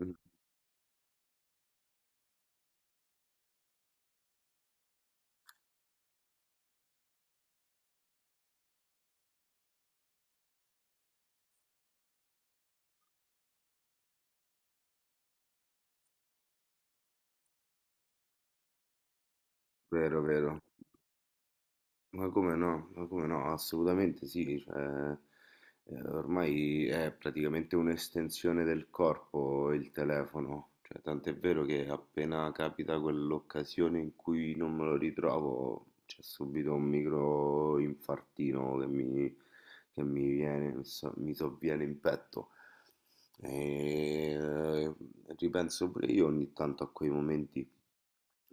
Mm. Vero, vero, ma come no, assolutamente sì, cioè, ormai è praticamente un'estensione del corpo, il telefono. Cioè, tant'è vero che appena capita quell'occasione in cui non me lo ritrovo, c'è subito un micro infartino che mi viene, mi sovviene in petto. E ripenso pure io ogni tanto a quei momenti.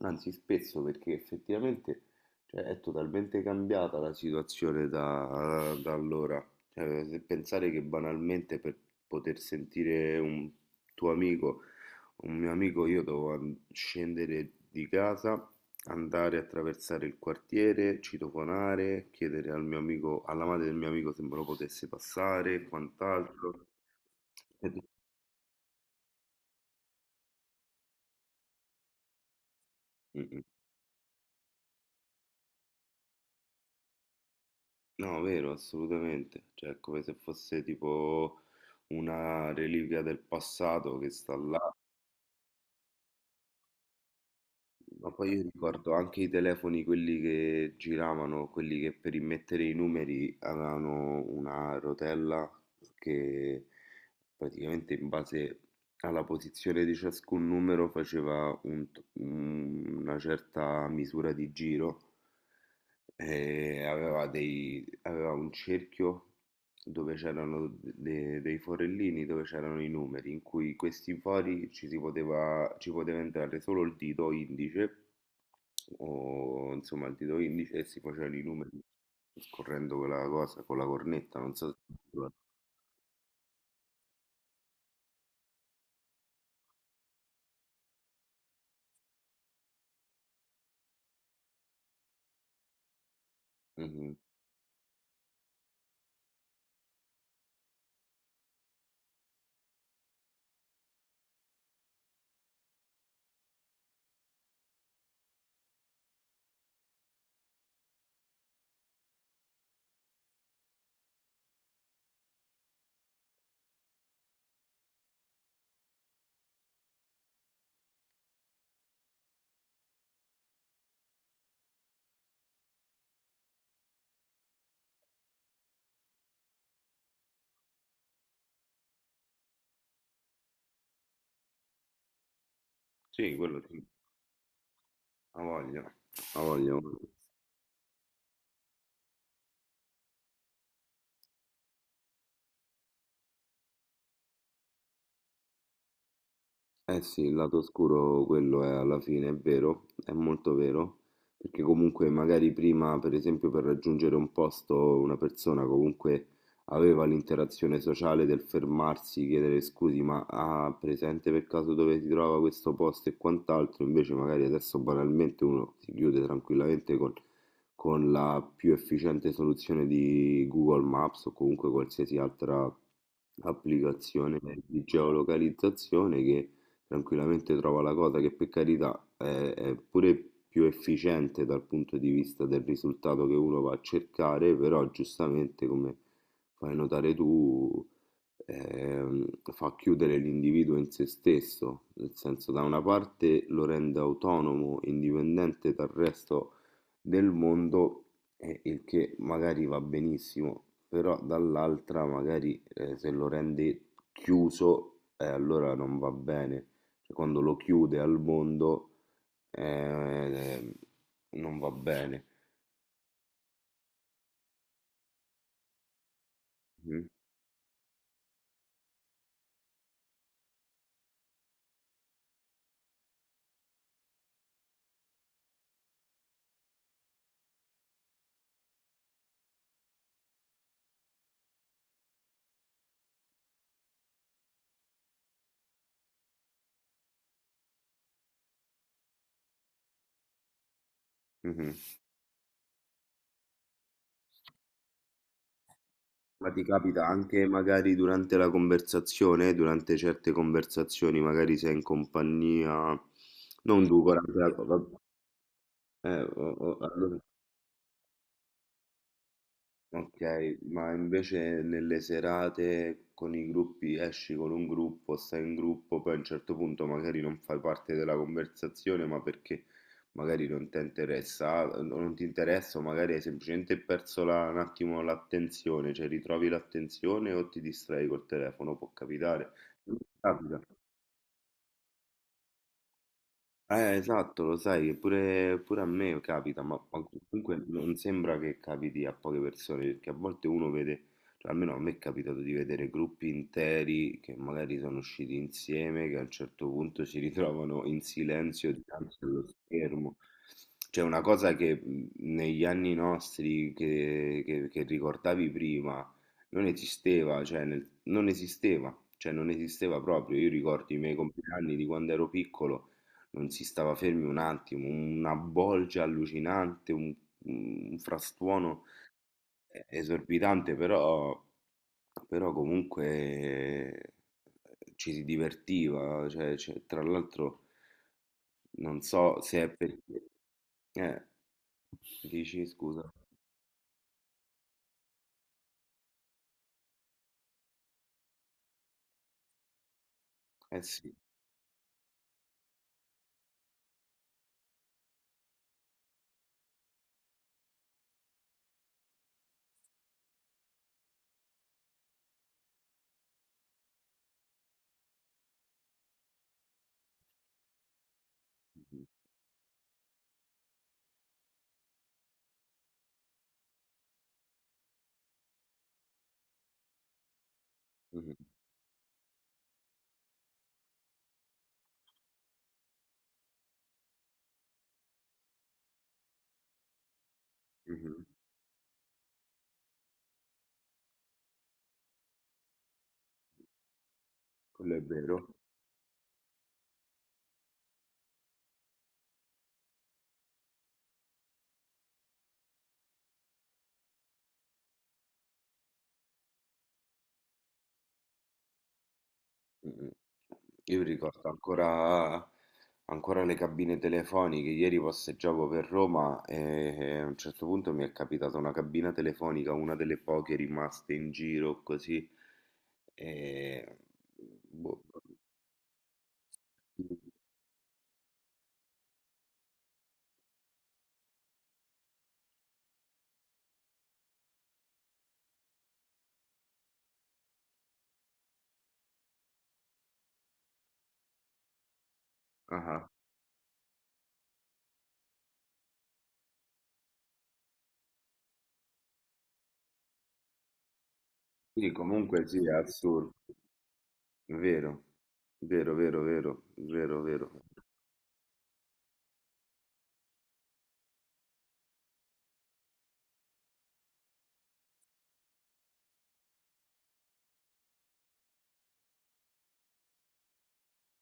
Anzi, spesso, perché effettivamente, cioè, è totalmente cambiata la situazione da allora. Cioè, se pensare che banalmente per poter sentire un tuo amico, un mio amico, io dovevo scendere di casa, andare a attraversare il quartiere, citofonare, chiedere al mio amico, alla madre del mio amico se me lo potesse passare, quant'altro. No, vero, assolutamente. Cioè, è come se fosse tipo una reliquia del passato che sta là. Ma poi io ricordo anche i telefoni, quelli che giravano, quelli che per immettere i numeri avevano una rotella che praticamente, in base alla posizione di ciascun numero, faceva una certa misura di giro e aveva un cerchio dove c'erano dei forellini, dove c'erano i numeri, in cui questi fori ci poteva entrare solo il dito indice, o insomma il dito indice, e si facevano i numeri scorrendo quella cosa con la cornetta, non so se... Mhm. Sì, quello sì, ha voglia, ha voglia. Eh sì, il lato oscuro, quello è, alla fine, è vero, è molto vero, perché comunque magari prima, per esempio, per raggiungere un posto, una persona comunque aveva l'interazione sociale del fermarsi, chiedere scusi, ma ha presente per caso dove si trova questo posto e quant'altro, invece magari adesso banalmente uno si chiude tranquillamente con la più efficiente soluzione di Google Maps, o comunque qualsiasi altra applicazione di geolocalizzazione, che tranquillamente trova la cosa, che per carità è pure più efficiente dal punto di vista del risultato che uno va a cercare. Però giustamente, come fai notare tu, fa chiudere l'individuo in se stesso, nel senso, da una parte lo rende autonomo, indipendente dal resto del mondo, il che magari va benissimo, però dall'altra magari se lo rende chiuso, allora non va bene. Cioè, quando lo chiude al mondo, eh, non va bene. Mhm, mhm. Ma ti capita anche magari durante la conversazione, durante certe conversazioni, magari sei in compagnia, non tu, durante la... va- o- allora- Ok, ma invece nelle serate con i gruppi, esci con un gruppo, stai in gruppo, poi a un certo punto magari non fai parte della conversazione, ma perché magari non ti interessa, o non ti interessa, o magari hai semplicemente perso un attimo l'attenzione, cioè ritrovi l'attenzione o ti distrai col telefono, può capitare. Capita. Esatto, lo sai, che pure, pure a me capita, ma comunque non sembra che capiti a poche persone, perché a volte uno vede, cioè almeno a me è capitato di vedere gruppi interi che magari sono usciti insieme, che a un certo punto si ritrovano in silenzio dinanzi allo schermo. Cioè una cosa che negli anni nostri che ricordavi prima non esisteva, cioè non esisteva, cioè non esisteva proprio. Io ricordo i miei compleanni di quando ero piccolo, non si stava fermi un attimo, una bolgia allucinante, un frastuono esorbitante. Però, però comunque ci si divertiva, cioè, cioè, tra l'altro non so se è perché... Eh, dici scusa? Eh sì, mhm, mhm, quello è vero. Mh-mh. Io mi ricordo ancora le cabine telefoniche. Ieri passeggiavo per Roma e a un certo punto mi è capitata una cabina telefonica, una delle poche rimaste in giro, così, ehm, boh. Ah-ah. Quindi comunque sì, è assurdo. Vero. Vero, vero, vero, vero, vero.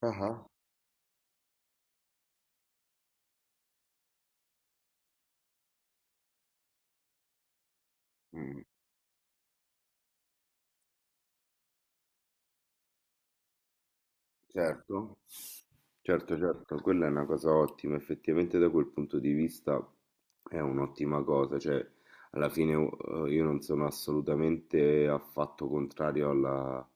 Ah-ah. Mh. Certo, certo, certo, quella è una cosa ottima, effettivamente da quel punto di vista è un'ottima cosa. Cioè alla fine io non sono assolutamente affatto contrario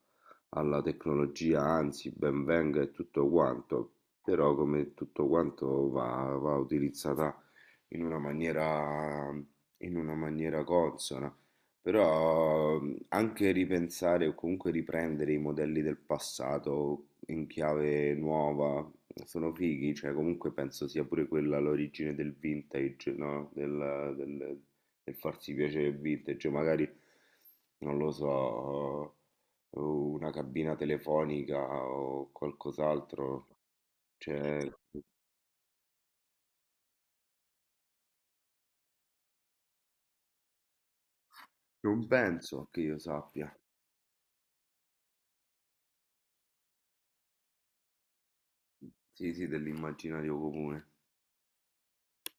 alla tecnologia, anzi ben venga e tutto quanto, però come tutto quanto, va, va utilizzata in una maniera, in una maniera consona. Però anche ripensare o comunque riprendere i modelli del passato in chiave nuova sono fighi, cioè comunque penso sia pure quella l'origine del vintage, no? Del farsi piacere il vintage, magari non lo so, una cabina telefonica o qualcos'altro, cioè non penso che io sappia. Sì, sì, dell'immaginario comune.